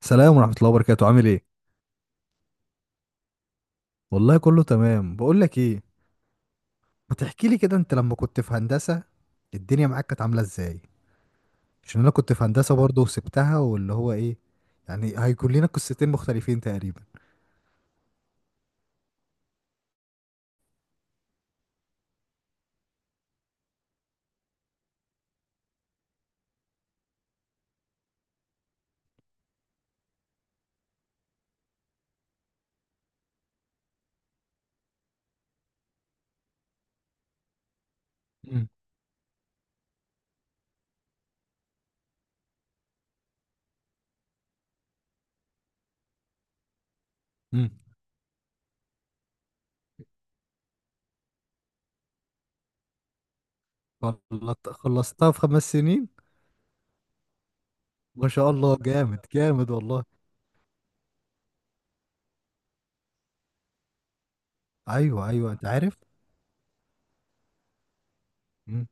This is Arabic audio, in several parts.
سلام ورحمة الله وبركاته، عامل ايه؟ والله كله تمام. بقول لك ايه، ما تحكي لي كده انت لما كنت في هندسة الدنيا معاك كانت عاملة ازاي؟ عشان انا كنت في هندسة برضه وسبتها، واللي هو ايه، يعني هيكون لنا قصتين مختلفين تقريبا. مم. مم. خلصتها في 5 سنين. ما شاء الله، جامد جامد والله. ايوه ايوه، انت عارف. مم.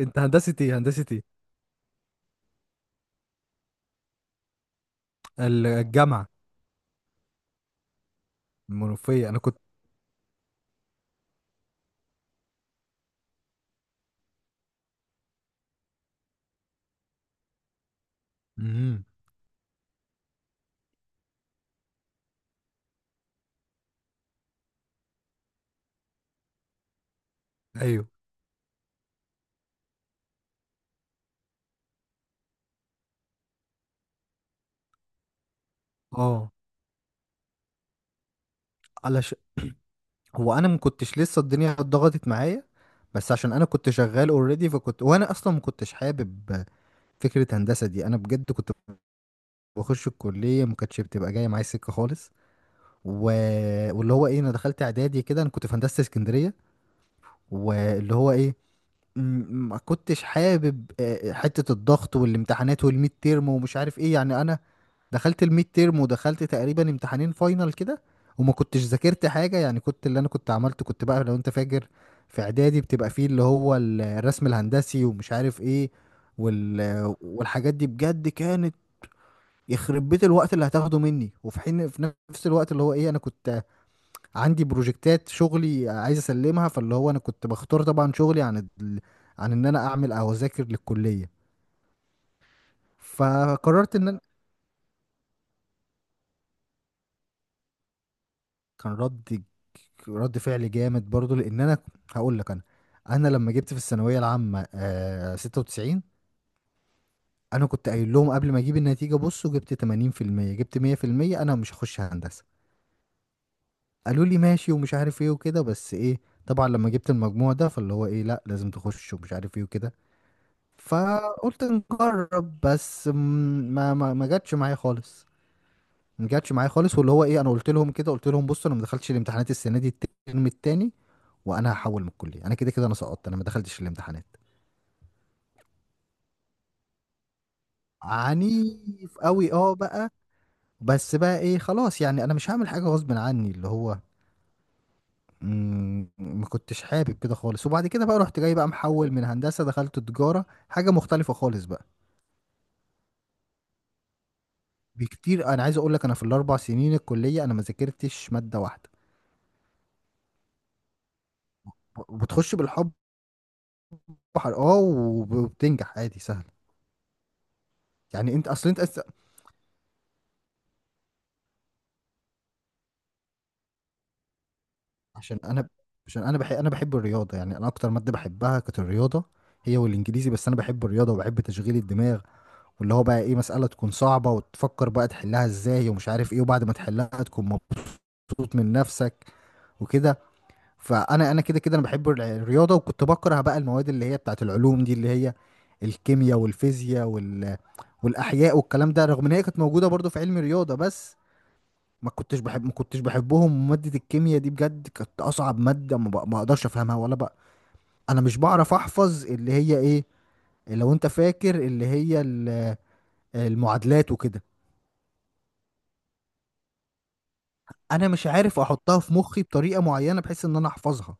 انت هندسة ايه، هندسة ايه؟ الجامعة المنوفية، انا كنت. مم. ايوه. اه، هو انا ما كنتش لسه الدنيا اتضغطت معايا، بس عشان انا كنت شغال اوريدي، فكنت وانا اصلا ما كنتش حابب فكره هندسه دي. انا بجد كنت بخش الكليه ما كانتش بتبقى جايه معايا سكه خالص. و... واللي هو ايه، انا دخلت اعدادي كده، انا كنت في هندسه اسكندريه، واللي هو ايه، ما كنتش حابب حتة الضغط والامتحانات والميد تيرم ومش عارف ايه. يعني انا دخلت الميد تيرم ودخلت تقريبا امتحانين فاينل كده، وما كنتش ذاكرت حاجة. يعني كنت، اللي انا كنت عملته كنت بقى، لو انت فاكر، في اعدادي بتبقى فيه اللي هو الرسم الهندسي ومش عارف ايه، وال والحاجات دي، بجد كانت يخرب بيت الوقت اللي هتاخده مني، وفي حين في نفس الوقت، اللي هو ايه، انا كنت عندي بروجكتات شغلي عايز اسلمها، فاللي هو انا كنت بختار طبعا شغلي عن عن ان انا اعمل او اذاكر للكليه، فقررت ان انا. كان رد فعل جامد برضو، لان انا هقول لك. انا لما جبت في الثانويه العامه 96، انا كنت قايل لهم قبل ما اجيب النتيجه، بصوا، جبت 80%، جبت 100%، انا مش هخش هندسه. قالوا لي ماشي ومش عارف ايه وكده، بس ايه، طبعا لما جبت المجموع ده، فاللي هو ايه، لا لازم تخش ومش عارف ايه وكده. فقلت نجرب، بس ما جاتش معايا خالص، ما جاتش معايا خالص. واللي هو ايه، انا قلت لهم كده، قلت لهم بصوا انا ما دخلتش الامتحانات السنه دي الترم التاني، وانا هحول من الكليه. انا كده كده انا سقطت، انا ما دخلتش الامتحانات. عنيف قوي، اه، بقى. بس بقى ايه، خلاص، يعني انا مش هعمل حاجه غصب عني، اللي هو، ما كنتش حابب كده خالص. وبعد كده بقى رحت جاي بقى محول من هندسه، دخلت تجاره، حاجه مختلفه خالص بقى. بكتير، انا عايز اقول لك انا في الاربع سنين الكليه، انا ما ذاكرتش ماده واحده. وبتخش بالحب، اه، وبتنجح عادي سهل. يعني انت اصل انت، عشان انا عشان انا بحب الرياضه. يعني انا اكتر ماده بحبها كانت الرياضه، هي والانجليزي. بس انا بحب الرياضه وبحب تشغيل الدماغ، واللي هو بقى ايه، مساله تكون صعبه وتفكر بقى تحلها ازاي ومش عارف ايه، وبعد ما تحلها تكون مبسوط من نفسك وكده. فانا كده كده انا بحب الرياضه، وكنت بكره بقى المواد اللي هي بتاعت العلوم دي، اللي هي الكيمياء والفيزياء والاحياء والكلام ده، رغم ان هي كانت موجوده برضو في علم الرياضه، بس ما كنتش بحب، ما كنتش بحبهم. وماده الكيمياء دي بجد كانت اصعب ماده، ما اقدرش افهمها ولا بقى. انا مش بعرف احفظ اللي هي ايه، لو انت فاكر، اللي هي المعادلات وكده. انا مش عارف احطها في مخي بطريقه معينه بحيث ان انا احفظها.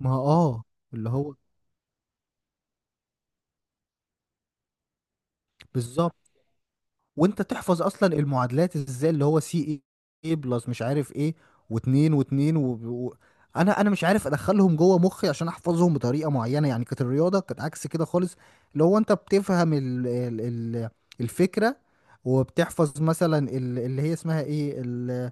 ما، اه، اللي هو، بالظبط. وانت تحفظ اصلا المعادلات ازاي، اللي هو سي اي بلس مش عارف ايه، واتنين واتنين و... انا مش عارف ادخلهم جوه مخي عشان احفظهم بطريقه معينه. يعني كانت الرياضه كانت عكس كده خالص، اللي هو انت بتفهم الفكره، وبتحفظ مثلا اللي هي اسمها ايه،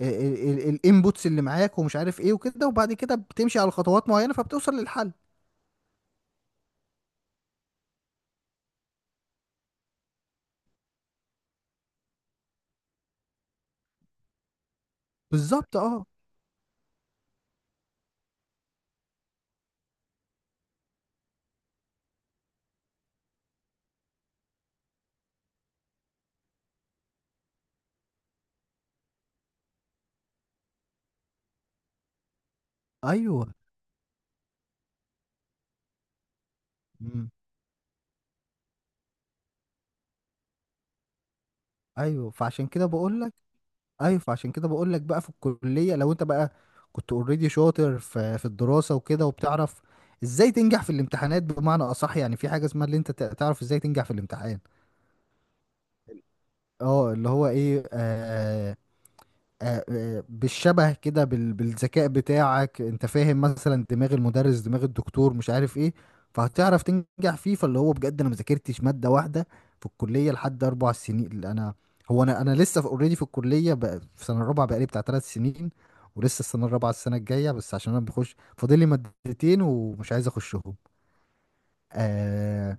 الانبوتس اللي معاك ومش عارف ايه وكده، وبعد كده بتمشي على خطوات معينه فبتوصل للحل. بالظبط. اه. ايوه. مم. ايوه، فعشان كده بقول لك. ايوه، فعشان كده بقول لك، بقى في الكليه لو انت بقى كنت اوريدي شاطر في الدراسه وكده، وبتعرف ازاي تنجح في الامتحانات، بمعنى اصح يعني في حاجه اسمها اللي انت تعرف ازاي تنجح في الامتحان. اه، اللي هو ايه، بالشبه كده، بالذكاء بتاعك، انت فاهم مثلا دماغ المدرس، دماغ الدكتور، مش عارف ايه، فهتعرف تنجح فيه. فاللي هو بجد انا مذاكرتش مادة واحدة في الكلية لحد 4 سنين. اللي انا هو انا لسه اوريدي في already في الكلية، بقى في سنة الرابعة بقالي بتاع 3 سنين، ولسه السنة الرابعة السنة الجاية، بس عشان انا بخش فاضل لي مادتين ومش عايز اخشهم. آه.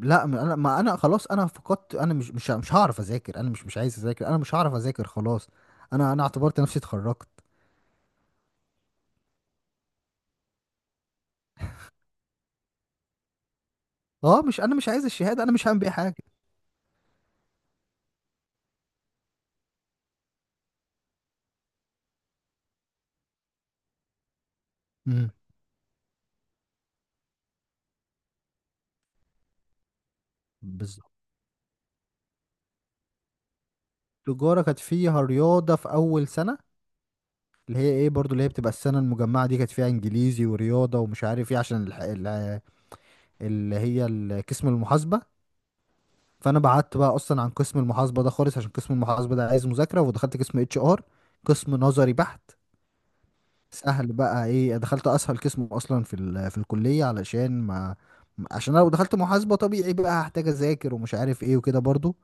لا، ما انا خلاص، انا فقدت، انا مش هعرف اذاكر، انا مش عايز اذاكر، انا مش هعرف اذاكر خلاص. انا اعتبرت نفسي اتخرجت. اه، مش، انا مش عايز الشهاده، انا مش هعمل بيها حاجه. امم. بالظبط. التجاره كانت فيها رياضه في اول سنه، اللي هي ايه برضو، اللي هي بتبقى السنه المجمعه دي كانت فيها انجليزي ورياضه ومش عارف ايه، عشان اللي هي قسم المحاسبه. فانا بعدت بقى اصلا عن قسم المحاسبه ده خالص، عشان قسم المحاسبه ده عايز مذاكره، ودخلت قسم اتش ار، قسم نظري بحت، سهل. بقى ايه، دخلت اسهل قسم اصلا في في الكليه، علشان ما، عشان انا لو دخلت محاسبه طبيعي بقى هحتاج اذاكر ومش عارف ايه وكده برضو.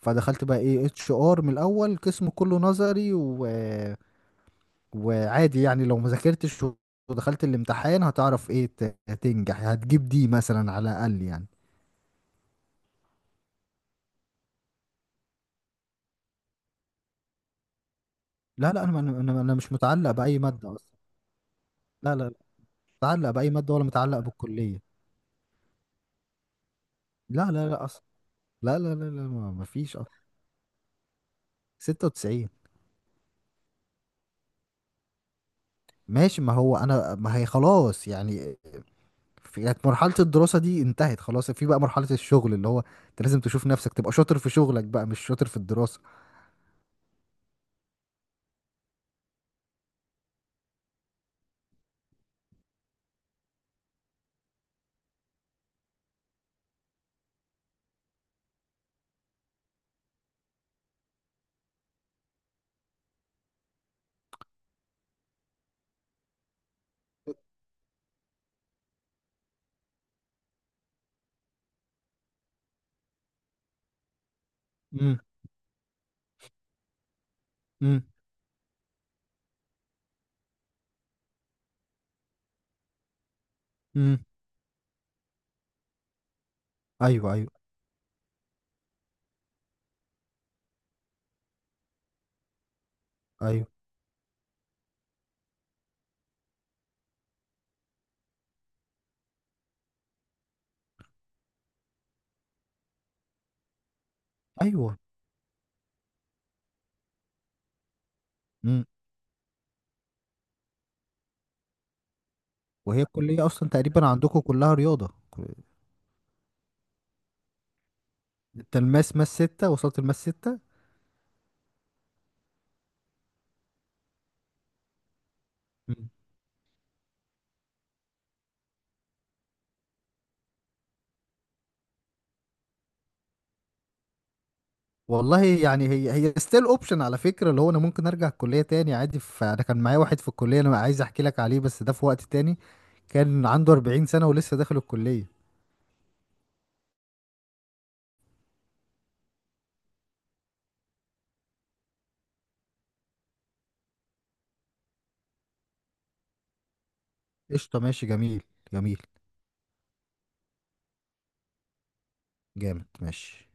فدخلت بقى ايه اتش ار من الاول، قسم كله نظري، وعادي، يعني لو ما ذاكرتش ودخلت الامتحان هتعرف ايه، تنجح، هتجيب دي مثلا على الاقل يعني. لا لا، انا انا أنا مش متعلق باي ماده اصلا. لا لا لا، متعلق باي ماده ولا متعلق بالكليه. لا لا لا اصلا. لا لا لا لا، ما فيش أصلا. 96. ماشي، ما هو انا، ما هي خلاص يعني. كانت مرحله الدراسه دي انتهت خلاص. في بقى مرحله الشغل، اللي هو انت لازم تشوف نفسك تبقى شاطر في شغلك، بقى مش شاطر في الدراسه. امم. امم. ايوه ايوه. ايوه ايوه. امم. وهي الكليه اصلا تقريبا عندكم كلها رياضه. انت ماس ستة، وصلت الماس ستة. مم. والله يعني، هي هي ستيل اوبشن على فكره. اللي هو انا ممكن ارجع الكليه تاني عادي. انا كان معايا واحد في الكليه، انا عايز احكي لك عليه بس ده في وقت تاني. كان عنده 40 سنه ولسه داخل الكليه. قشطه، ماشي، جميل. جميل. جامد، ماشي.